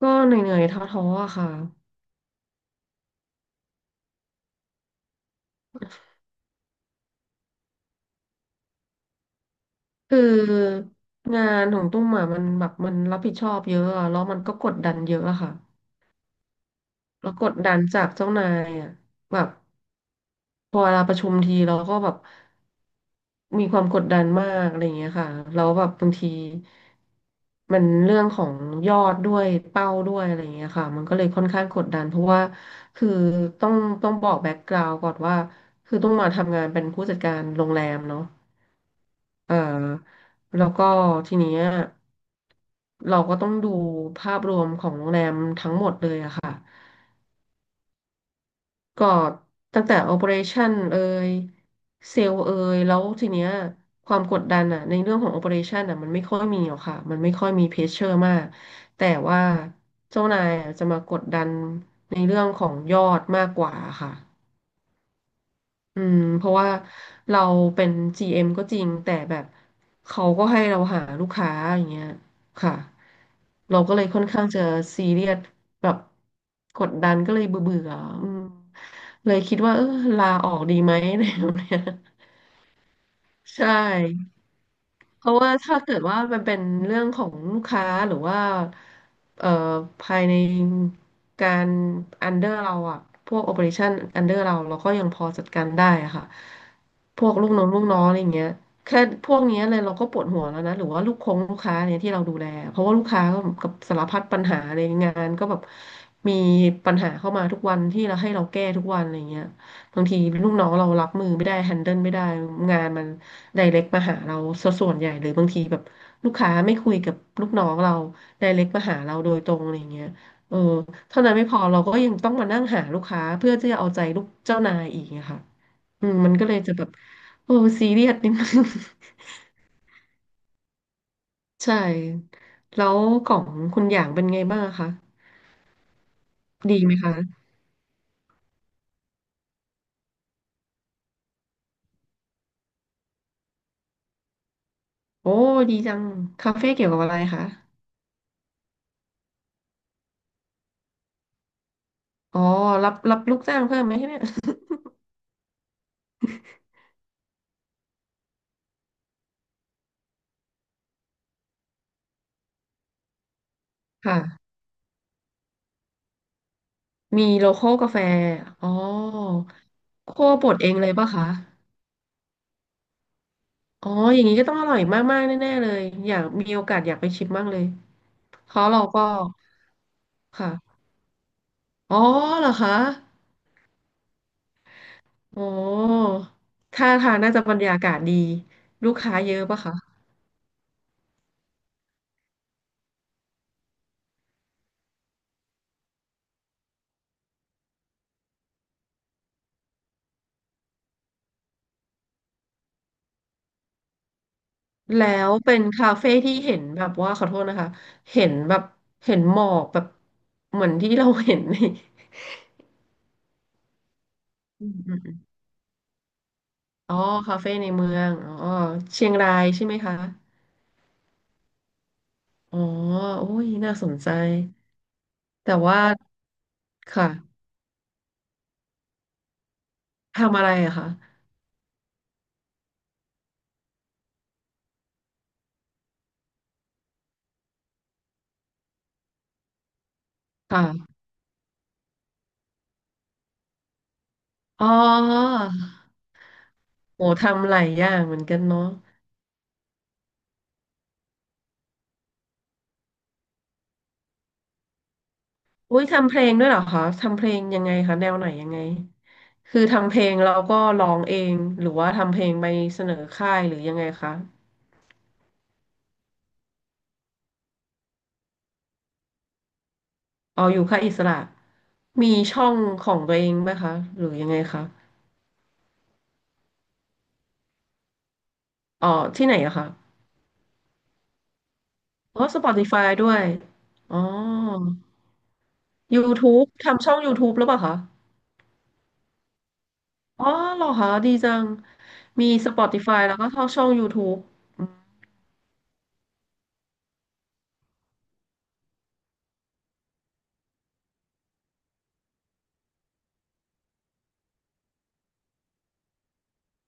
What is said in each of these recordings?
ก็เหนื่อยๆท้อๆอะค่ะคืองานของตุ้มอะมันแบบมันรับผิดชอบเยอะอะแล้วมันก็กดดันเยอะอะค่ะแล้วกดดันจากเจ้านายอะแบบพอเวลาประชุมทีเราก็แบบมีความกดดันมากอะไรอย่างเงี้ยค่ะแล้วแบบบางทีมันเรื่องของยอดด้วยเป้าด้วยอะไรอย่างเงี้ยค่ะมันก็เลยค่อนข้างกดดันเพราะว่าคือต้องต้องบอกแบ็กกราว n d ก่อนว่าคือต้องมาทำงานเป็นผู้จัดการโรงแรมเนาะ เอ่อแล้วก็ทีเนี้ยเราก็ต้องดูภาพรวมของโรงแรมทั้งหมดเลยอะค่ะก็ตั้งแต่ Operation เอ่ยเซลล์เอ่ยแล้วทีเนี้ยความกดดันอะในเรื่องของ Operation อะมันไม่ค่อยมีหรอกค่ะมันไม่ค่อยมีเพชเชอร์มากแต่ว่าเจ้านายอะจะมากดดันในเรื่องของยอดมากกว่าค่ะ อืมเพราะว่าเราเป็น GM ก็จริงแต่แบบเขาก็ให้เราหาลูกค้าอย่างเงี้ยค่ะเราก็เลยค่อนข้างจะซีเรียสแบบกดดันก็เลยเบื่อเบื่ออืมเลยคิดว่าเออลาออกดีไหม อะไรแบบเนี้ยใช่ เพราะว่าถ้าเกิดว่ามันเป็นเรื่องของลูกค้าหรือว่าเอ่อภายในการอันเดอร์เราอะพวกโอ e r a t i o n อันเดอร์เราเราก็ยังพอจัดการได้อะค่ะพวกลูกน้องอะไรอย่างเงี้ยแค่พวกเนี้ยเลยเราก็ปวดหัวแล้วนะหรือว่าลูกคงลูกค้าเนี่ยที่เราดูแลเพราะว่าลูกค้าก็กับสารพัดปัญหาในงานก็แบบมีปัญหาเข้ามาทุกวันที่เราให้เราแก้ทุกวันอะไรอย่างเงี้ยบางทีลูกน้องเรารับมือไม่ได้แฮนเดิลไม่ได้งานมัน ไดเรกมาหาเราสะส่วนใหญ่หรือบางทีแบบลูกค้าไม่คุยกับลูกน้องเราไดเรกมาหาเราโดยตรงอะไรอย่างเงี้ยเออเท่านั้นไม่พอเราก็ยังต้องมานั่งหาลูกค้าเพื่อที่จะเอาใจลูกเจ้านายอีกอะค่ะอืมมันก็เลยจะแบบโอ้ซีเรียสนิดนึง ใช่แล้วของคุณอย่างเป็นไงบ้างอะคะดีไหมคะโอ้ดีจังคาเฟ่เกี่ยวกับอะไรคะอ๋อรับลูกจ้างเพิ่มไหมเนี่ย ค่ะ มีโลคอลกาแฟอ๋อคั่วบดเองเลยป่ะคะอ๋ออย่างนี้ก็ต้องอร่อยมากๆแน่ๆเลยอยากมีโอกาสอยากไปชิมบ้างเลยเพราะเราก็ค่ะอ๋อเหรอคะอ๋อท่าทางน่าจะบรรยากาศดี ลูกค้าเยอะป่ะคะ แล้วเป็นคาเฟ่ที่เห็นแบบว่าขอโทษนะคะ เห็นแบบเห็นหมอกแบบ เหมือนที่เราเห็นในอืมอืมอ๋อคาเฟ่ในเมืองอ๋อเชียงรายใช่ไหมคะ อ๋อโอ้ยน่าสนใจแต่ว่าค่ะทำอะไรอะคะค่ะอ๋อโหทำหลายอย่างเหมือนกันเนาะอุ้ยทำเพลงด้วยเหรอคะ ทำเพลงยังไงคะแนวไหนยังไงคือทำเพลงแล้วก็ร้องเองหรือว่าทำเพลงไปเสนอค่ายหรือยังไงคะ เอาออยู่ค่ายอิสระมีช่องของตัวเองไหมคะ หรือยังไงคะอ๋อที่ไหนอะคะอ๋อ Spotify ด้วยอ๋อ YouTube ทำช่อง YouTube หรือเปล่าคะ อ๋อเหรอคะดีจังมี Spotify แล้วก็เข้าช่อง YouTube อืม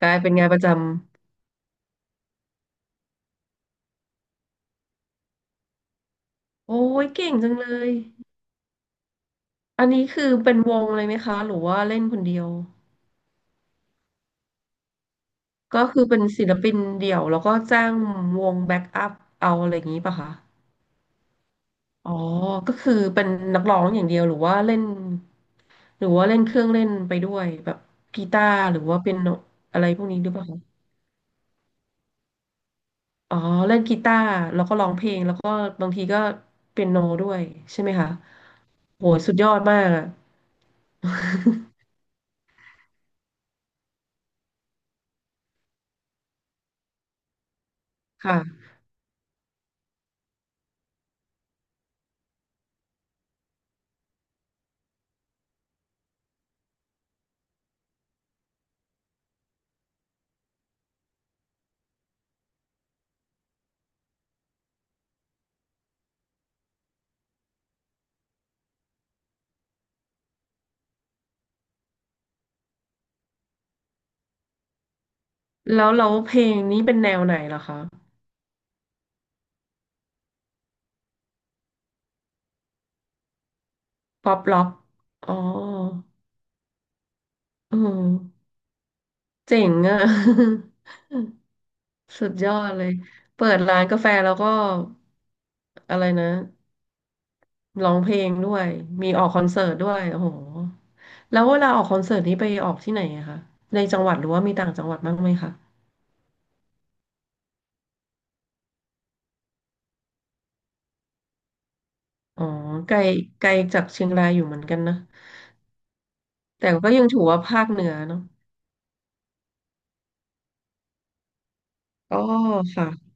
กลายเป็นงานประจำโอ้ยเก่งจังเลยอันนี้คือเป็นวงเลยไหมคะหรือว่าเล่นคนเดียว ก็คือเป็นศิลปินเดี่ยวแล้วก็จ้างวงแบ็กอัพเอาอะไรอย่างนี้ป่ะคะอ๋อก็คือเป็นนักร้องอย่างเดียวหรือว่าเล่นหรือว่าเล่นเครื่องเล่นไปด้วยแบบกีตาร์หรือว่าเป็นโนอะไรพวกนี้ด้วยป่ะ อ๋อเล่นกีตาร์แล้วก็ร้องเพลงแล้วก็บางทีก็เปียโนด้วยใช่ไหมคะโหสุดยอดมากอะ ค่ะแล้วเราเพลงนี้เป็นแนวไหนเหรอคะป๊อปร็อกอ๋อเออเจ๋งอะ สุดยอดเลยเปิดร้านกาแฟแล้วก็อะไรนะร้องเพลงด้วยมีออกคอนเสิร์ตด้วยโอ้โหแล้วเวลาออกคอนเสิร์ตนี้ไปออกที่ไหนอะคะในจังหวัดหรือว่ามีต่างจังหวัดบ้างไหมคะ อ๋อไกลไกลจากเชียงรายอยู่เหมือนกันนะแต่ก็ยังถือว่าภาคเหนือเนาะอ๋อค่ะ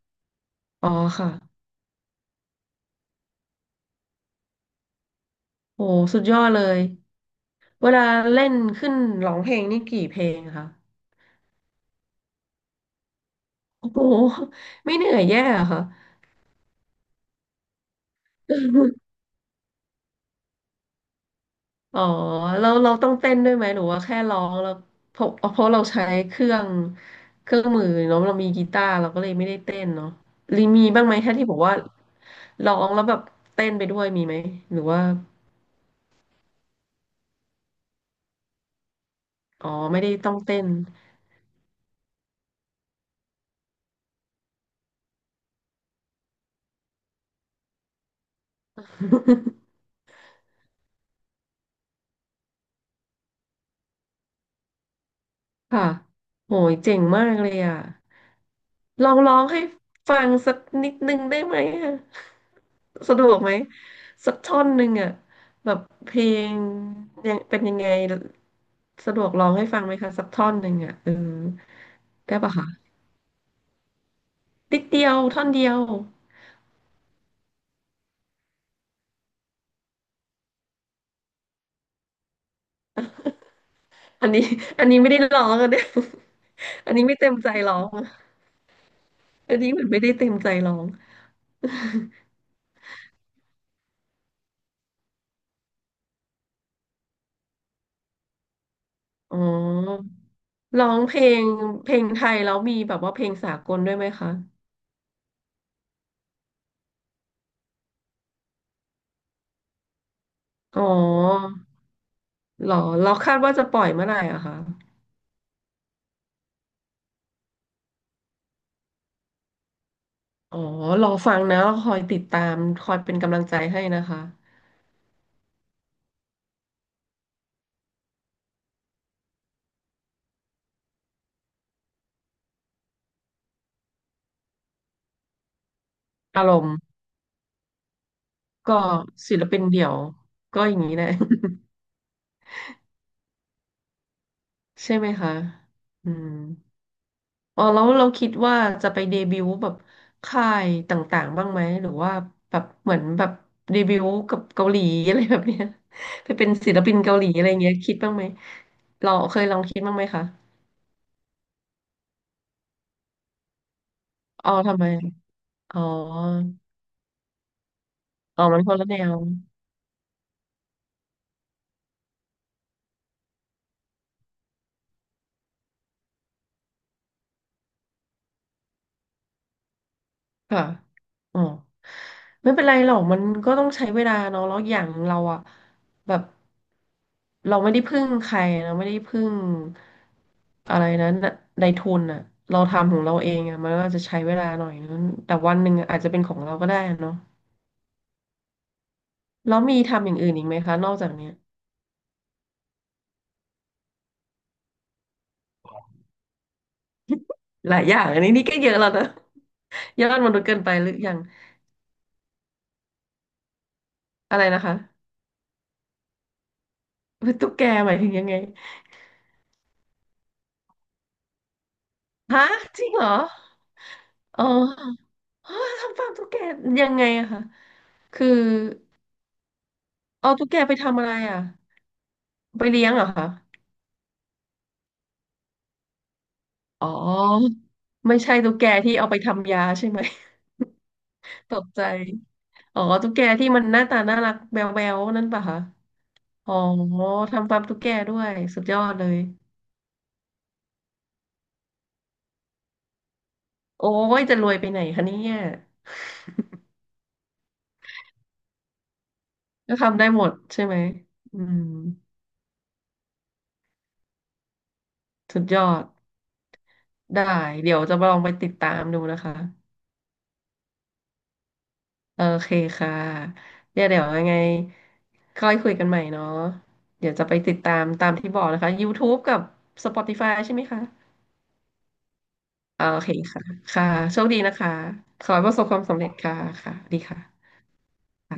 อ๋อค่ะโอ้สุดยอดเลยเวลาเล่นขึ้นร้องเพลงนี่กี่เพลงอะคะโอ้โหไม่เหนื่อยแย่เหรอค่ะ อ๋อเราต้องเต้นด้วยไหมหรือว่าแค่ร้องแล้วเพราะเพราะเราใช้เครื่องมือเนาะเรามีกีตาร์เราก็เลยไม่ได้เต้นเนาะรีมีบ้างไหมแค่ที่บอกว่าร้องแล้วแบบเต้นไปด้วยมีไหมหรือว่าอ๋อไม่ได้ต้องเต้น ค่ะโหยเจ๋งมากเลยอ่ะลองร้องให้ฟังสักนิดนึงได้ไหมอ่ะสะดวกไหมสักท่อนหนึ่งอ่ะแบบเพลงยังเป็นยังไงสะดวกร้องให้ฟังไหมคะสักท่อนหนึ่งอ่ะเออได้ปะคะนิดเดียวท่อนเดียวอันนี้อันนี้ไม่ได้ร้องอะเนี่ย อันนี้ไม่เต็มใจร้องอะอันนี้เหมือนไม่ได้เต็มใจร้อง อ๋อ ร้องเพลงเพลงไทยแล้วมีแบบว่าเพลงสากลด้วยไหมคะอ๋อเหรอเราคาดว่าจะปล่อยเมื่อไหร่อะคะอ๋อรอฟังนะเราคอยติดตามคอยเป็นกำลังใจให้นะคะอารมณ์ก็ศิลปินเดี่ยวก็อย่างนี้แหละ ใช่ไหมคะอืม อ๋อแล้วเราคิดว่าจะไปเดบิวต์แบบค่ายต่างๆบ้างไหมหรือว่าแบบเหมือนแบบเดบิวต์กับเกาหลีอะไรแบบเนี้ย ไปเป็นศิลปินเกาหลีอะไรเงี้ยคิดบ้างไหมเราเคยลองคิดบ้างไหมคะอ๋อทำไมอ๋ออ๋อมันคนละแนว ค่ะอ๋อไม่เป็นไรหรอกมันก็ต้องใช้เวลาเนาะแล้วอย่างเราอะ แบบ เราไม่ได้พึ่งใครเราไม่ได้พึ่งอะไรนะในทุนอะ เราทำของเราเองอะ มันก็จะใช้เวลาหน่อยนึงแต่วันหนึ่งอาจจะเป็นของเราก็ได้อะเนาะแล้วมีทำอย่างอื่นอีกไหมคะ นอกจากเนี้ย หลายอย่างอันนี้นี่ก็เยอะแล้วนะ เยอะมนุษย์เกินไปหรืออย่งอะไรนะคะเป็นตุ๊กแกหมายถึงยังไงฮะจริงเหรออ๋อ ฮะทำฟาร์มตุ๊กแกยังไงอะคะคือเอาตุ๊กแกไปทำอะไรอะไปเลี้ยงเหรอคะอ๋อไม่ใช่ตุ๊กแกที่เอาไปทำยาใช่ไหม ตกใจอ๋อตุ๊กแกที่มันหน้าตาน่ารักแมวๆนั่นปะคะอ๋อทำฟาร์มตุ๊กแกด้วยสุดยอดเลย โอ้ยจะรวยไปไหนคะเนี่ยก็ทำได้หมดใช่ไหมอืมสุดยอดได้เดี๋ยวจะลองไปติดตามดูนะคะ โอเคค่ะเดี๋ยวยังไงค่อยคุยกันใหม่เนาะเดี๋ยวจะไปติดตามตามที่บอกนะคะ YouTube กับ Spotify ใช่ไหมคะโอเคค่ะค่ะโชคดีนะคะขอให้ประสบความสำเร็จค่ะค่ะดีค่ะ